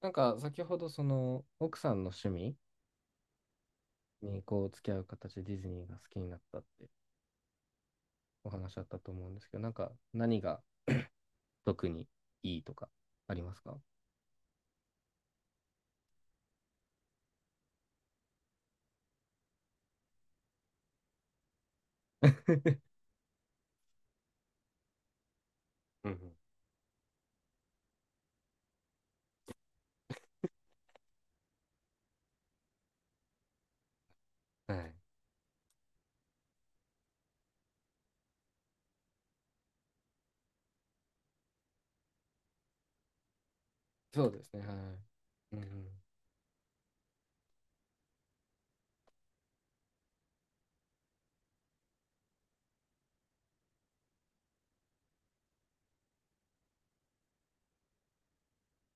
なんか先ほどその奥さんの趣味にこう付き合う形でディズニーが好きになったってお話あったと思うんですけど、なんか何が特にいいとかありますか？ うんうん。はい。そうですね。はい。うんうん。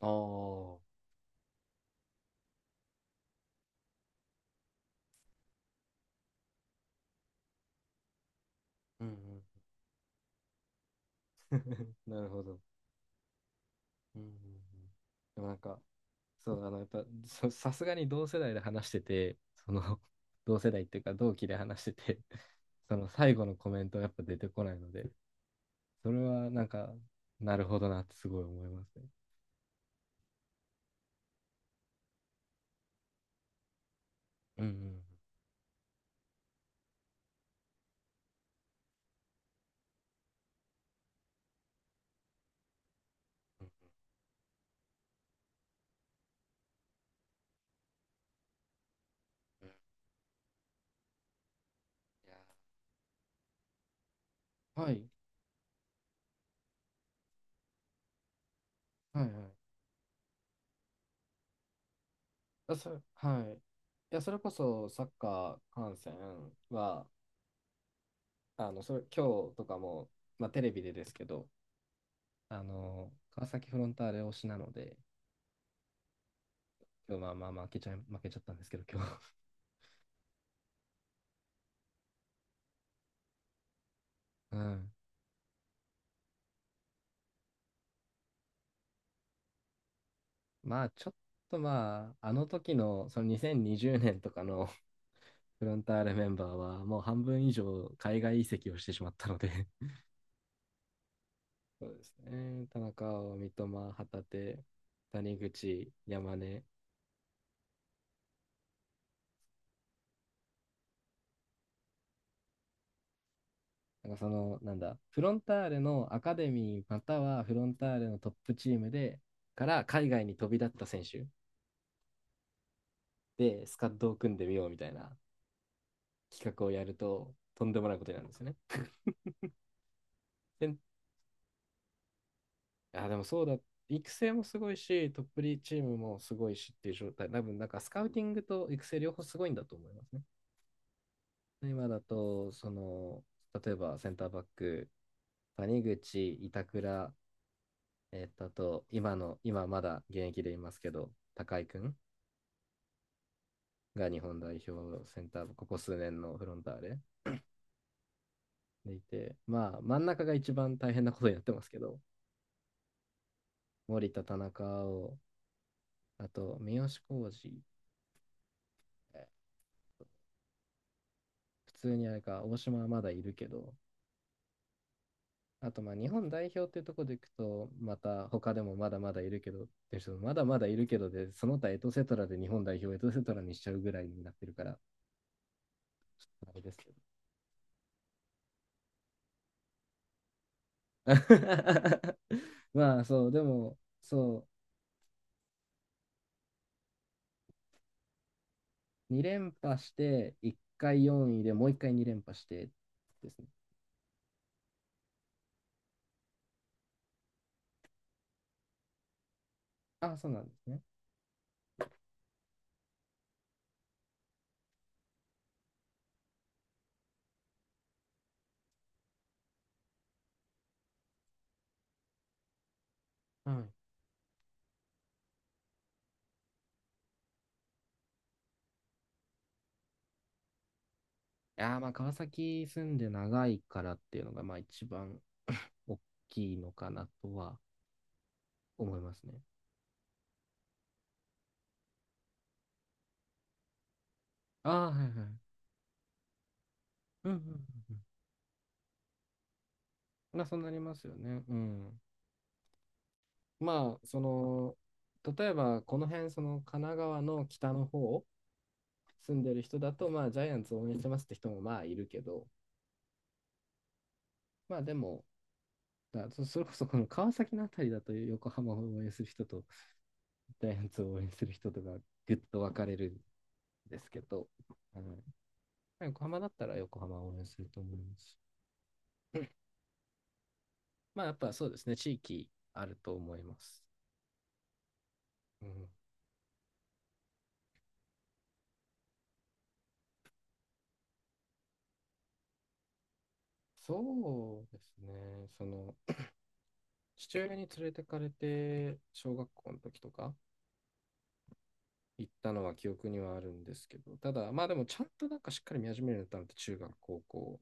ああ。うんうん。なるほど。うんうんうん。でもなんか、そう、あの、やっぱ、さすがに同世代で話してて、その、同世代っていうか同期で話してて、その最後のコメントはやっぱ出てこないので、それはなんか、なるほどなってすごい思いますね。うんうんうんうん。いや、はい、はいはい。あ、それ、はい。いや、それこそサッカー観戦は、あの、それ、今日とかも、まあ、テレビでですけど、あの、川崎フロンターレ推しなので、今日まあまあまあ負けちゃったんですけど、今日。うん。まあ、ちょっとまあ、あの時の、その2020年とかの フロンターレメンバーは、もう半分以上海外移籍をしてしまったので。そうですね。田中碧、三笘、旗手、谷口、山根。なんかその、なんだ、フロンターレのアカデミーまたはフロンターレのトップチームで、から海外に飛び立った選手で、スカッドを組んでみようみたいな企画をやると、とんでもないことになるんですよね。で、あ、でもそうだ、育成もすごいし、トップリーチームもすごいしっていう状態。多分、なんかスカウティングと育成両方すごいんだと思いますね。今だと、その、例えばセンターバック、谷口、板倉、あと、今まだ現役でいますけど、高井くんが日本代表センター、ここ数年のフロンターレでいて、まあ、真ん中が一番大変なことになってますけど、森田、田中を、あと、三好康児、普通にあれか、大島はまだいるけど、あとまあ日本代表っていうところでいくと、また他でもまだまだいるけどって人もまだまだいるけどで、その他エトセトラで日本代表エトセトラにしちゃうぐらいになってるから、あれですけど。まあそう、でもそう、2連覇して、1回4位でもう1回2連覇してですね。ああ、そうなんですね。はい。いやー、まあ川崎住んで長いからっていうのがまあ一番 大きいのかなとは思いますね。ああ、はいはい。うんうんうん。まあそうなりますよね。うん。まあその、例えばこの辺その神奈川の北の方住んでる人だとまあジャイアンツ応援してますって人もまあいるけど、まあでもそれこそこの川崎のあたりだと横浜を応援する人とジャイアンツを応援する人とがぐっと分かれるんですけど、うん、横浜だったら横浜を応援すると思います。まあやっぱそうですね、地域あると思います。うん、そうですね。その、父親に連れてかれて、小学校の時とか行ったのは記憶にはあるんですけど、ただ、まあでもちゃんとなんかしっかり見始めるようになったのって中学、高校。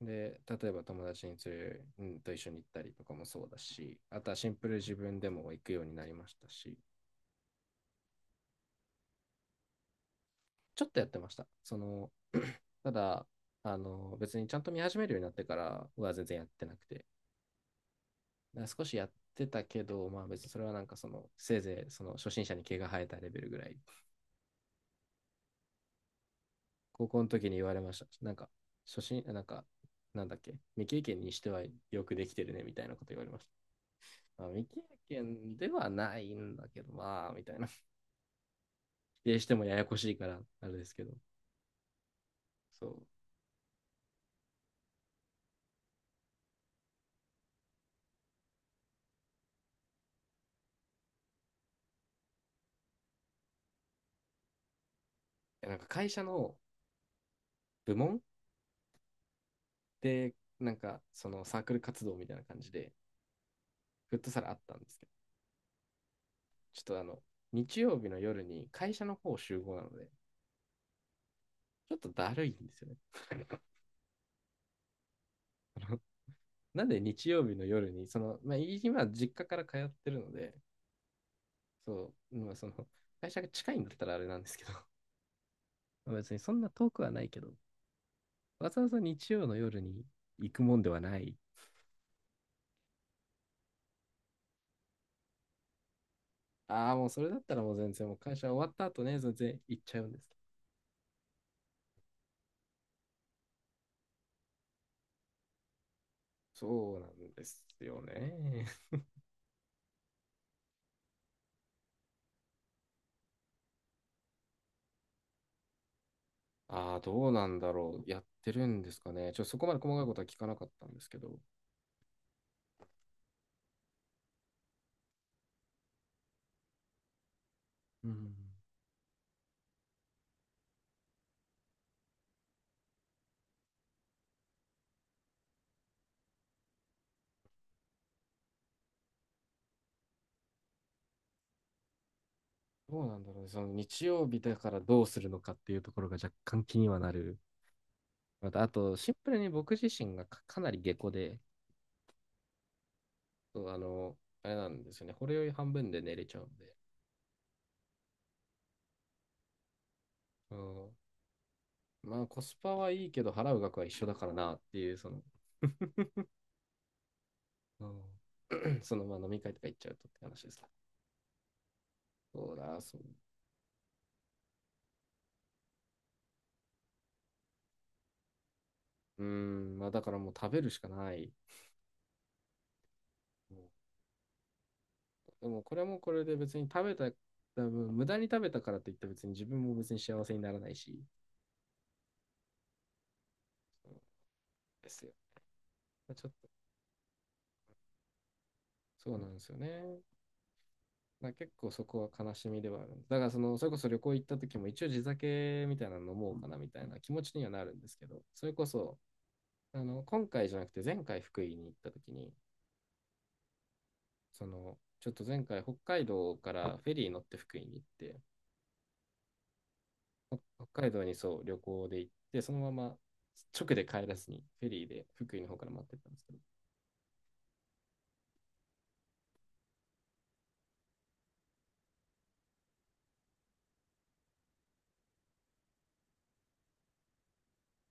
で、例えば友達に連れ、うん、と一緒に行ったりとかもそうだし、あとはシンプルに自分でも行くようになりましたし、ちょっとやってました。その、ただ、あの、別にちゃんと見始めるようになってからは全然やってなくて、だから少しやってたけど、まあ別にそれはなんかその、せいぜいその初心者に毛が生えたレベルぐらい、高校の時に言われました。なんか、なんか、なんだっけ、未経験にしてはよくできてるねみたいなこと言われました。まあ、未経験ではないんだけど、まあ、みたいな。否定してもややこしいから、あれですけど。そう。なんか会社の部門で、なんか、そのサークル活動みたいな感じで、フットサルあったんですけど、ちょっとあの、日曜日の夜に会社の方集合なので、ちょっとだるいんですよね。なんで日曜日の夜に、その、まあ、今、実家から通ってるので、そう、まあ、その、会社が近いんだったらあれなんですけど、まあ別にそんな遠くはないけど、わざわざ日曜の夜に行くもんではない。ああ、もうそれだったらもう全然、もう会社終わった後ね、全然行っちゃうんですけど。そうなんですよね。ああ、どうなんだろう。やってるんですかね。ちょっとそこまで細かいことは聞かなかったんですけど。うん。どうなんだろうね。その、日曜日だからどうするのかっていうところが若干気にはなる。また、あと、シンプルに僕自身がかなり下戸で、そう、あの、あれなんですよね。これより半分で寝れちゃうんで。うん。まあ、コスパはいいけど、払う額は一緒だからなっていう、その、うん。 その、まあ、飲み会とか行っちゃうとって話ですね。そうだ、そう。うーん、まあ、だからもう食べるしかない。でも、これもこれで別に食べた、多分無駄に食べたからといって別に自分も別に幸せにならないし、そうですよ。ちょっと、そうなんですよね。まあ、結構そこは悲しみではあるんです。だからその、それこそ旅行行った時も一応地酒みたいなの飲もうかなみたいな気持ちにはなるんですけど、それこそ、あの、今回じゃなくて前回福井に行った時に、その、ちょっと前回北海道からフェリー乗って福井に行って、北海道にそう旅行で行って、そのまま直で帰らずにフェリーで福井の方から待ってったんですけど、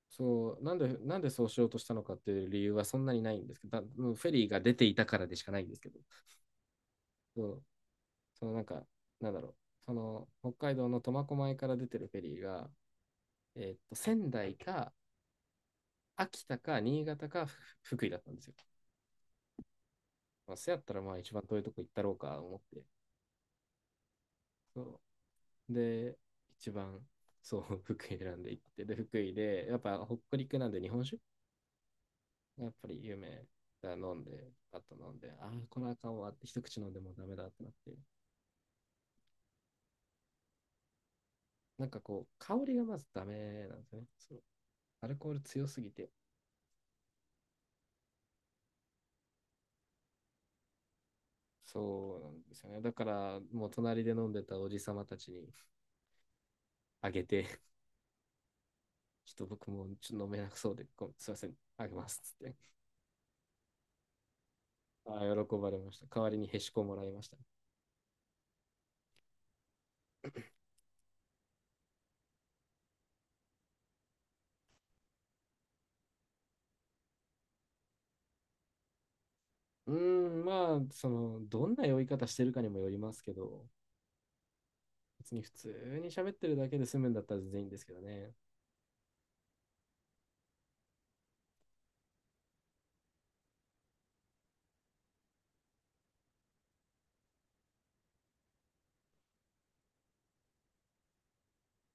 そう、なんでそうしようとしたのかっていう理由はそんなにないんですけど、だもうフェリーが出ていたからでしかないんですけど、そう、そのなんか、なんだろう、その北海道の苫小牧から出てるフェリーが、仙台か秋田か新潟か福井だったんですよ。まあ、そやったらまあ一番遠いとこ行ったろうか思って。そうで、一番そう、福井選んで行って、で、福井で、やっぱ北陸なんで日本酒やっぱり有名だ、飲んで、パッと飲んで、ああ、これあかんわって、一口飲んでもうダメだってなって、なんかこう、香りがまずダメなんですよね。そう、アルコール強すぎて、そうなんですよね。だから、もう隣で飲んでたおじさまたちにあげて、ちょっと僕もちょっと飲めなくそうで、ごすいません、あげますっつって。ああ、喜ばれました。代わりにへしこもらいました。うーん、まあ、どんな酔い方してるかにもよりますけど、別に普通に喋ってるだけで済むんだったら全然いいんですけどね。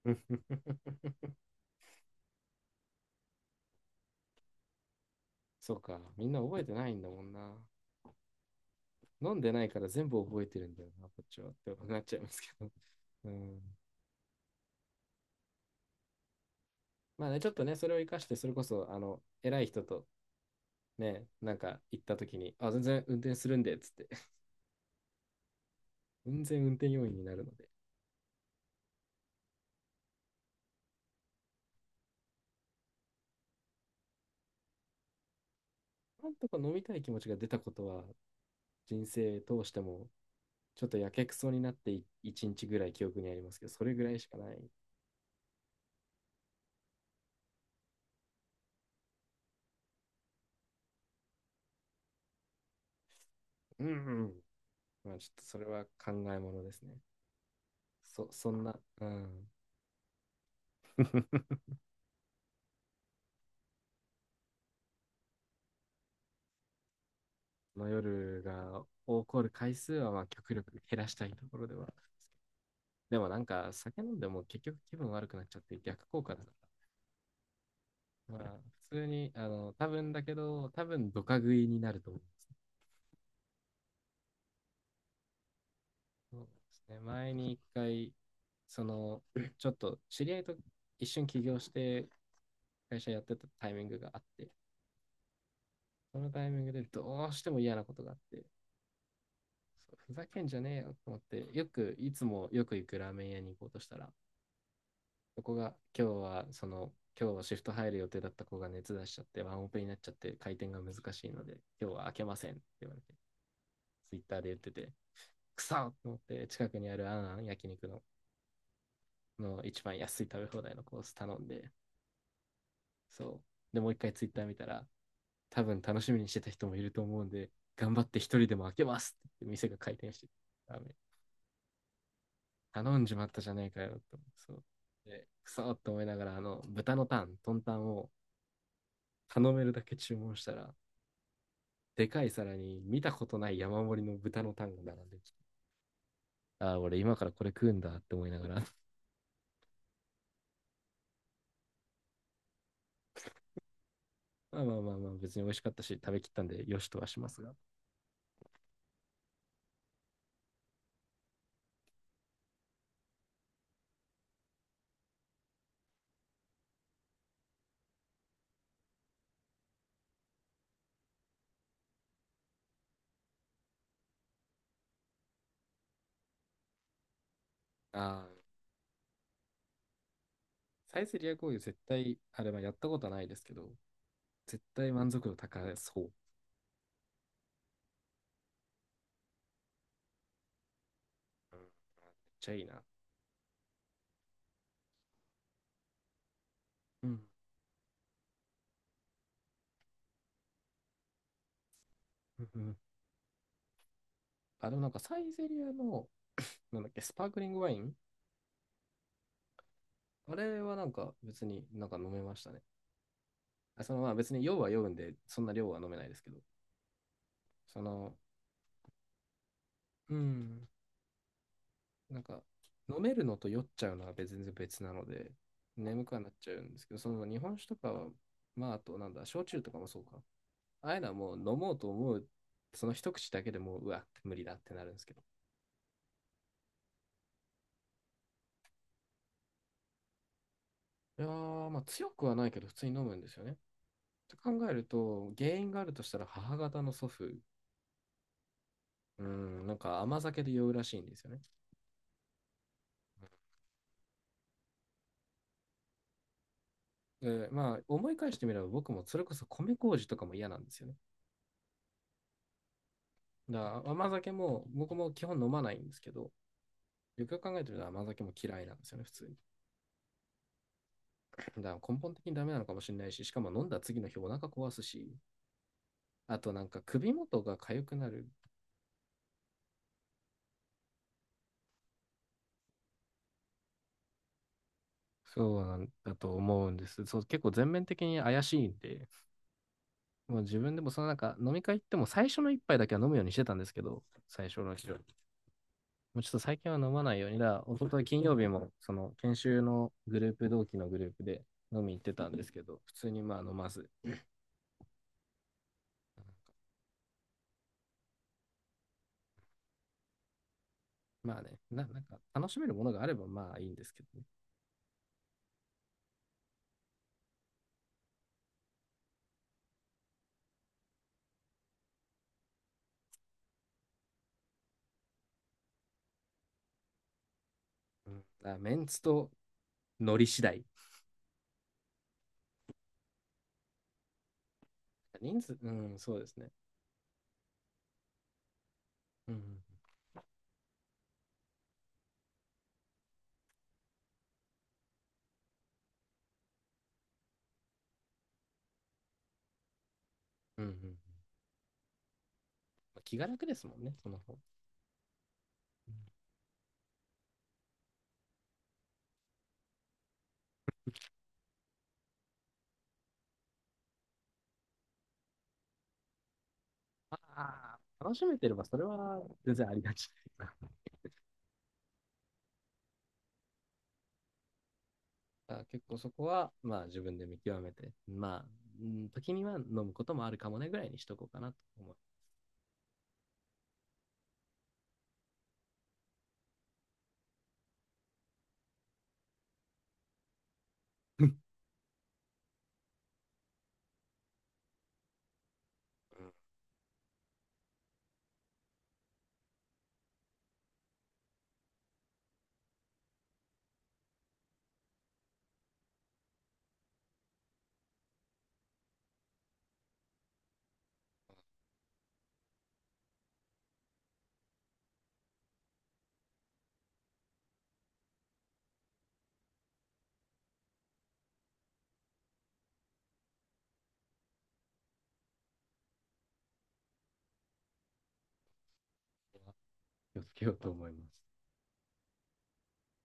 そうか、みんな覚えてないんだもんな。飲んでないから全部覚えてるんだよな、こっちはってなっちゃいますけど。うん。まあね、ちょっとね、それを生かして、それこそ、偉い人とね、なんか行った時に、あ、全然運転するんで、つって、全然運転要員になるので、なんとか飲みたい気持ちが出たことは、人生通しても、ちょっとやけくそになって一日ぐらい記憶にありますけど、それぐらいしかない。うんうん。まあちょっとそれは考えものですね。そんな、うん。この夜が起こる回数はまあ極力減らしたいところでは。でもなんか酒飲んでも結局気分悪くなっちゃって逆効果だな。まあ、普通に、多分だけど、多分ドカ食いになると思います。そうですね。前に一回、その、ちょっと知り合いと一瞬起業して、会社やってたタイミングがあって、そのタイミングでどうしても嫌なことがあって、そうふざけんじゃねえよと思って、いつもよく行くラーメン屋に行こうとしたら、そこが、今日はシフト入る予定だった子が熱出しちゃって、ワンオペになっちゃって、回転が難しいので、今日は開けませんって言われて、ツイッターで言ってて、くそと思って、近くにあるあんあん焼肉の一番安い食べ放題のコース頼んで、そう。で、もう一回ツイッター見たら、多分楽しみにしてた人もいると思うんで、頑張って一人でも開けますって店が開店して、ダメ。頼んじまったじゃないかよと。そう。で、くそって思いながら、豚のタン、トンタンを頼めるだけ注文したら、でかい皿に見たことない山盛りの豚のタンが並んできて、ああ、俺今からこれ食うんだって思いながら まあまあまあまあ、別に美味しかったし、食べきったんで、よしとはしますが。ああ、サイゼリア合流絶対、あれはやったことはないですけど、絶対満足度高そう。うん、めっちゃいいな。うん。うんうん。あ、でもなんかサイゼリアの、なんだっけ、スパークリングワイン、あれはなんか別になんか飲めましたね。あ、そのまあ別に酔うは酔うんで、そんな量は飲めないですけど、その、うん、なんか飲めるのと酔っちゃうのは全然別なので、眠くはなっちゃうんですけど、その日本酒とかは、まああとなんだ、焼酎とかもそうか。ああいうのはもう飲もうと思う、その一口だけでもう、うわ、無理だってなるんですけど。いやー、まあ強くはないけど、普通に飲むんですよね。と考えると、原因があるとしたら母方の祖父、うん、なんか甘酒で酔うらしいんですよね。で、まあ思い返してみれば僕もそれこそ米麹とかも嫌なんですよね。だから甘酒も僕も基本飲まないんですけど、よくよく考えてみたら甘酒も嫌いなんですよね、普通に。だから根本的にダメなのかもしれないし、しかも飲んだ次の日お腹壊すし、あとなんか首元が痒くなる。そうなんだと思うんです。そう、結構全面的に怪しいんで、もう自分でもそのなんか飲み会行っても最初の一杯だけは飲むようにしてたんですけど、最初の日は。もうちょっと最近は飲まないようにだ、一昨日金曜日もその研修のグループ、同期のグループで飲み行ってたんですけど、普通にまあ飲まず。まあね、なんか楽しめるものがあればまあいいんですけどね。うん、だからメンツとノリ次第。人数、うん、そうですね。うん、うん、うん。うん。まあ気が楽ですもんね、その方。うん。ああ、楽しめてればそれは全然ありがち。あ、結構そこは、まあ自分で見極めて、まあ、うん、時には飲むこともあるかもねぐらいにしとこうかなと思う。気をつけようと思います。